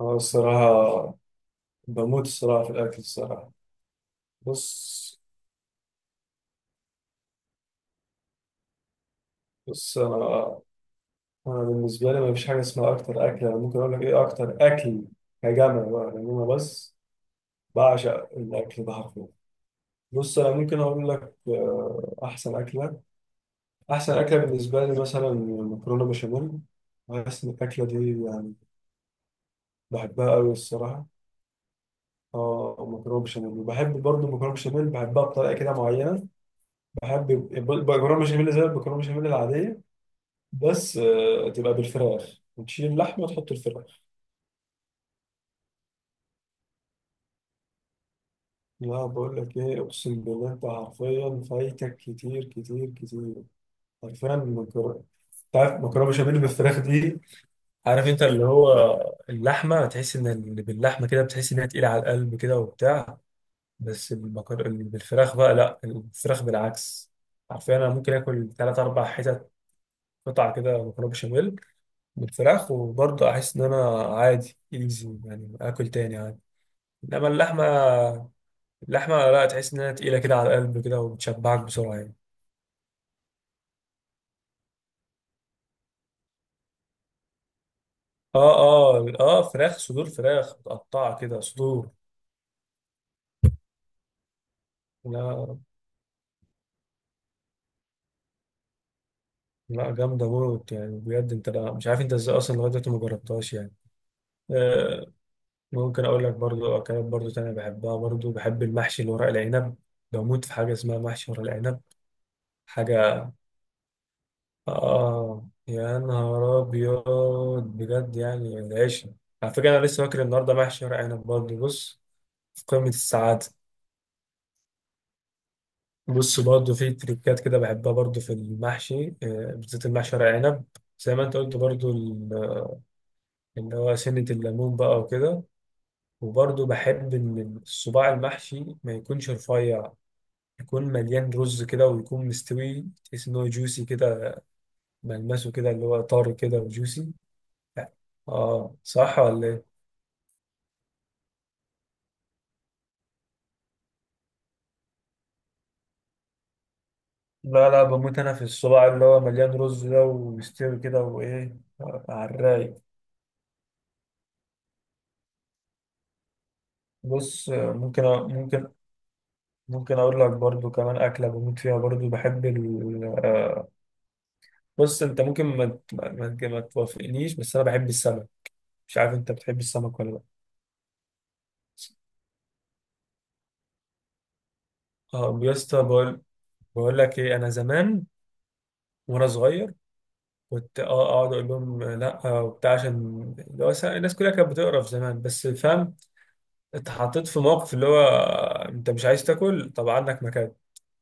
أنا الصراحة، بموت الصراحة في الأكل الصراحة. بص بص، أنا بالنسبة لي مفيش حاجة اسمها أكتر أكل. أنا ممكن أقول لك إيه أكتر أكل كجمع بقى، لأن أنا بس بعشق الأكل ده حرفيا. بص، أنا ممكن أقول لك أحسن أكلة. أحسن أكلة بالنسبة لي مثلا مكرونة بشاميل. بحس إن الأكلة دي يعني بحبها أوي الصراحة. اه، مكرونه بشاميل، وبحب برضه المكرونه بشاميل، بحبها بطريقه كده معينه. بحب المكرونه بشاميل زي المكرونه بشاميل العاديه، بس تبقى بالفراخ وتشيل اللحمة تحط الفراخ. لا، بقول لك ايه، اقسم بالله انت حرفيا فايتك كتير كتير كتير. حرفيا مكرونة، عارف مكرونة بشاميل بالفراخ دي؟ عارف انت اللي هو اللحمة، تحس ان اللي باللحمة كده بتحس انها تقيلة على القلب كده وبتاع. بس اللي بالفراخ بقى لا، الفراخ بالعكس. حرفيا انا ممكن اكل ثلاث اربع حتت، قطع كده مكرونة بشاميل بالفراخ، وبرضه احس ان انا عادي ايزي يعني، اكل تاني عادي. انما اللحمه، اللحمه لا تحس انها تقيله كده على القلب كده، وبتشبعك بسرعه يعني. اه، اه، اه، فراخ صدور، فراخ متقطعه كده، صدور. لا لا، جامده موت يعني بجد، انت لا مش عارف انت ازاي اصلا لغايه دلوقتي ما جربتهاش يعني. آه، ممكن اقول لك برضو اكلات برضو تانية بحبها. برضو بحب المحشي، اللي ورق العنب. بموت في حاجه اسمها محشي ورق العنب. حاجه، اه، يا نهار ابيض، بجد يعني. العيش، على فكره انا لسه واكل النهارده محشي ورق عنب برضو. بص، في قمة السعادة. بص، برضه في تريكات كده بحبها برضه في المحشي، بالذات المحشي ورق عنب، زي ما انت قلت برضه اللي هو سنة الليمون بقى وكده. وبرضه بحب إن الصباع المحشي ما يكونش رفيع، يكون مليان رز كده، ويكون مستوي، تحس إن هو جوسي كده. ملمسه كده اللي هو طار كده وجوسي. اه، صح ولا ايه؟ لا لا، بموت انا في الصباع اللي هو مليان رز ده ومستوي كده، وايه، على الرايق. بص، ممكن اقول لك برضو كمان اكله بموت فيها. برضو بحب ال آه، بص، انت ممكن ما توافقنيش، بس انا بحب السمك. مش عارف انت بتحب السمك ولا لا؟ اه، يا اسطى، بقول لك ايه. انا زمان وانا صغير كنت اقعد اقول لهم لا وبتاع، عشان اللي هو الناس كلها كانت بتقرف زمان، بس فاهم. اتحطيت في موقف، اللي هو انت مش عايز تاكل، طب عندك مكان.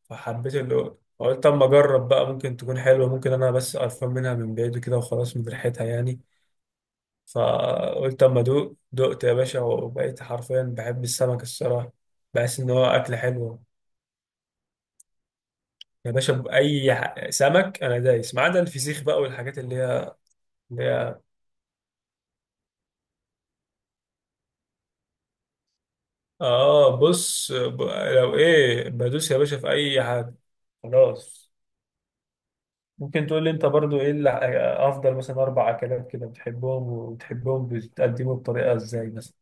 فحبيت اللي هو قلت اما اجرب بقى، ممكن تكون حلوه، ممكن انا بس قرفان منها من بعيد كده وخلاص، من ريحتها يعني. فقلت اما ادوق، دقت يا باشا وبقيت حرفيا بحب السمك الصراحه. بحس ان هو اكل حلو. يا باشا، سمك انا دايس ما عدا الفسيخ بقى، والحاجات اللي هي اه، لو ايه بدوس يا باشا في اي حاجه، خلاص. ممكن تقول لي انت برضو ايه اللي افضل مثلا اربع اكلات كده بتحبهم، وبتحبهم بتقدمه بطريقه ازاي مثلا؟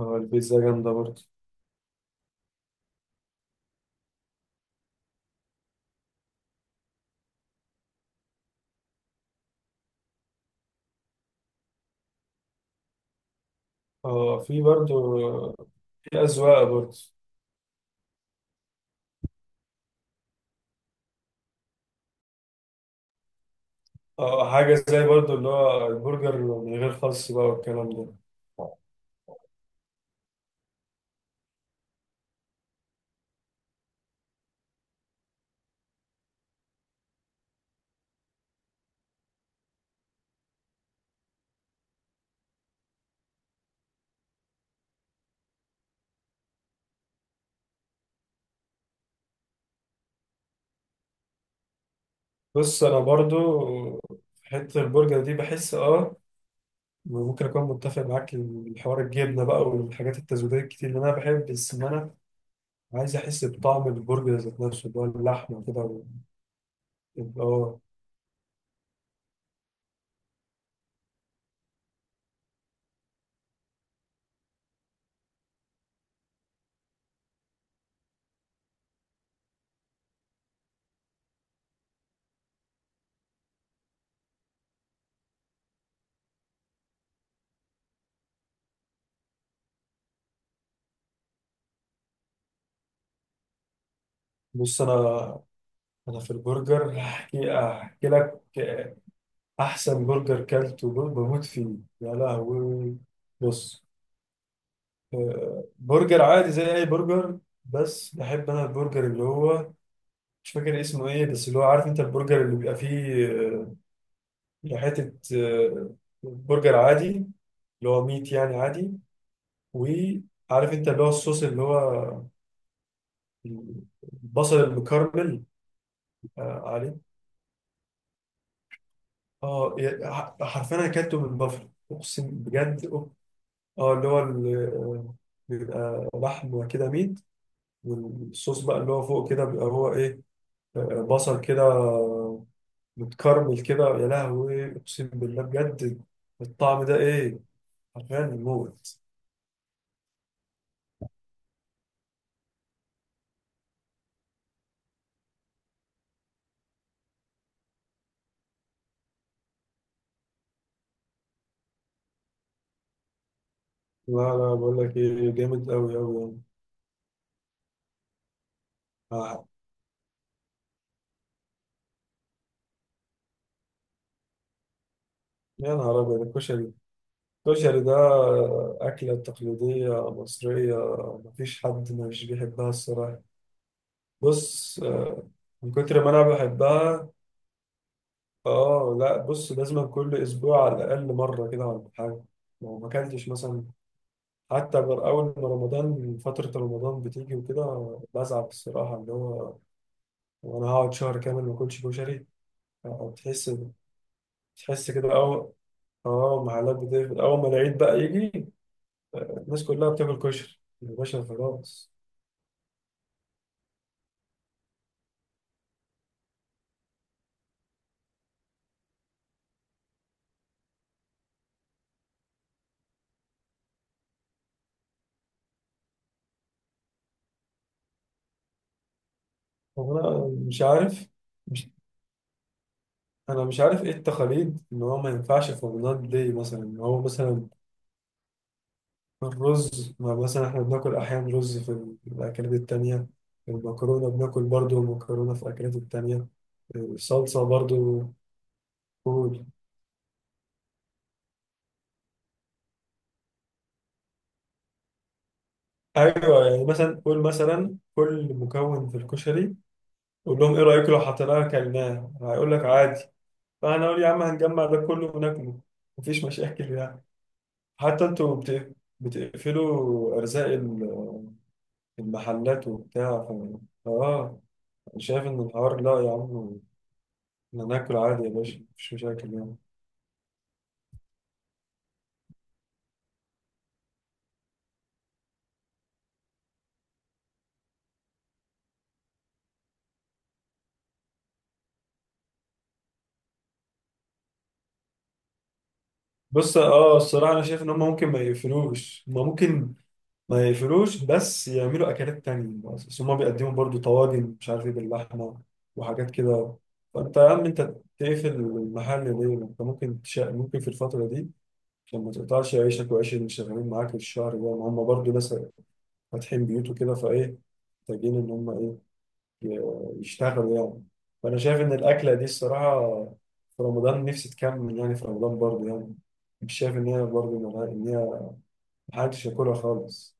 اه، البيتزا جامدة برضه. اه، في برضه، في أذواق برضه. اه، حاجة زي برضو اللي هو البرجر من غير خس بقى والكلام ده. بص أنا برضو في حتة البرجر دي بحس ممكن أكون متفق معاك. الحوار الجبنة بقى والحاجات التزويدية الكتير اللي أنا بحب، بس إن أنا عايز أحس بطعم البرجر ذات نفسه، اللي هو اللحمة كده، و- يبقى بص. أنا في البرجر هحكي، أحكي لك أحسن برجر كلته بموت فيه. يا لهوي، بص، برجر عادي زي اي برجر، بس بحب انا البرجر اللي هو مش فاكر اسمه ايه، بس اللي هو عارف انت البرجر اللي بيبقى فيه حتة، برجر عادي اللي هو ميت يعني عادي. وعارف انت اللي هو الصوص، اللي هو البصل المكرمل. آه، عليه. اه، حرفيا انا اكلته من بافلو، اقسم بجد. اه، اللي هو بيبقى لحم كده ميت، والصوص بقى اللي هو فوق كده بيبقى هو ايه، بصل كده متكرمل كده. يا لهوي، اقسم بالله بجد، الطعم ده ايه. حرفيا موت. لا لا، بقول لك ايه، جامد قوي قوي يعني. آه، يا نهار ابيض، الكشري. الكشري ده اكله تقليديه مصريه، مفيش حد مش بيحبها الصراحه. بص، من كتر ما انا بحبها، اه لا، بص لازم كل اسبوع على الاقل مره كده ولا حاجه. لو ما اكلتش مثلا، حتى أول ما رمضان، فترة رمضان بتيجي وكده بزعل الصراحة، اللي هو وأنا هقعد شهر كامل ما أكلش كشري. أه، تحس كده أول. أه، محلات بتقفل أول ما العيد بقى يجي. أه، الناس كلها بتاكل كشري يا باشا خلاص. هو أنا مش عارف. مش أنا مش عارف إيه التقاليد إن هو ما ينفعش في رمضان ليه، مثلا إن هو مثلا الرز، ما مثلا احنا بناكل احيانا رز في في الاكلات التانية. المكرونة بناكل برضو مكرونة في الاكلات التانية. الصلصة برضو. قول، ايوه يعني، مثلا قول مثلا كل مكون في الكشري، قول لهم ايه رايكم لو حطيناه اكلناه، هيقول لك عادي. فانا اقول يا عم هنجمع ده كله وناكله، مفيش مشاكل يعني. حتى انتوا بتقفلوا ارزاق المحلات وبتاع. ف... اه أنا شايف ان الحوار لا يا عم، احنا ناكل عادي يا باشا، مفيش مشاكل يعني. بص، الصراحة انا شايف ان هم ممكن ما يقفلوش، بس يعملوا اكلات تانية. بس هم بيقدموا برضو طواجن مش عارف ايه باللحمة وحاجات كده. فانت يا عم انت تقفل المحل ليه؟ ما انت ممكن ممكن في الفترة دي عشان ما تقطعش عيشك وعيش اللي شغالين معاك الشهر ده، ما هم برضو ناس فاتحين بيوت وكده، فايه محتاجين ان هم ايه، يشتغلوا يعني. فأنا شايف إن الأكلة دي الصراحة في رمضان نفسي تكمل يعني، في رمضان برضه يعني. مش شايف إن هي برضه إن هي محدش ياكلها خالص.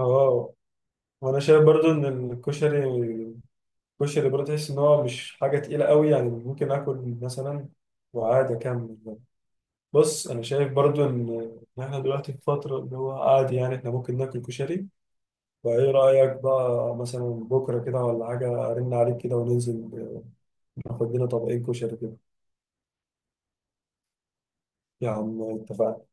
اه، وأنا شايف برضه إن الكشري، الكشري برضه تحس إن هو مش حاجة تقيلة قوي يعني. ممكن آكل مثلا وعادي أكمل يعني. بص، أنا شايف برضه إن إحنا دلوقتي في فترة اللي هو عادي يعني. إحنا ممكن ناكل كشري. فإيه رأيك بقى مثلا بكرة كده ولا حاجة، أرن عليك كده وننزل ناخد لنا طبقين كشري كده؟ يا عم اتفقنا.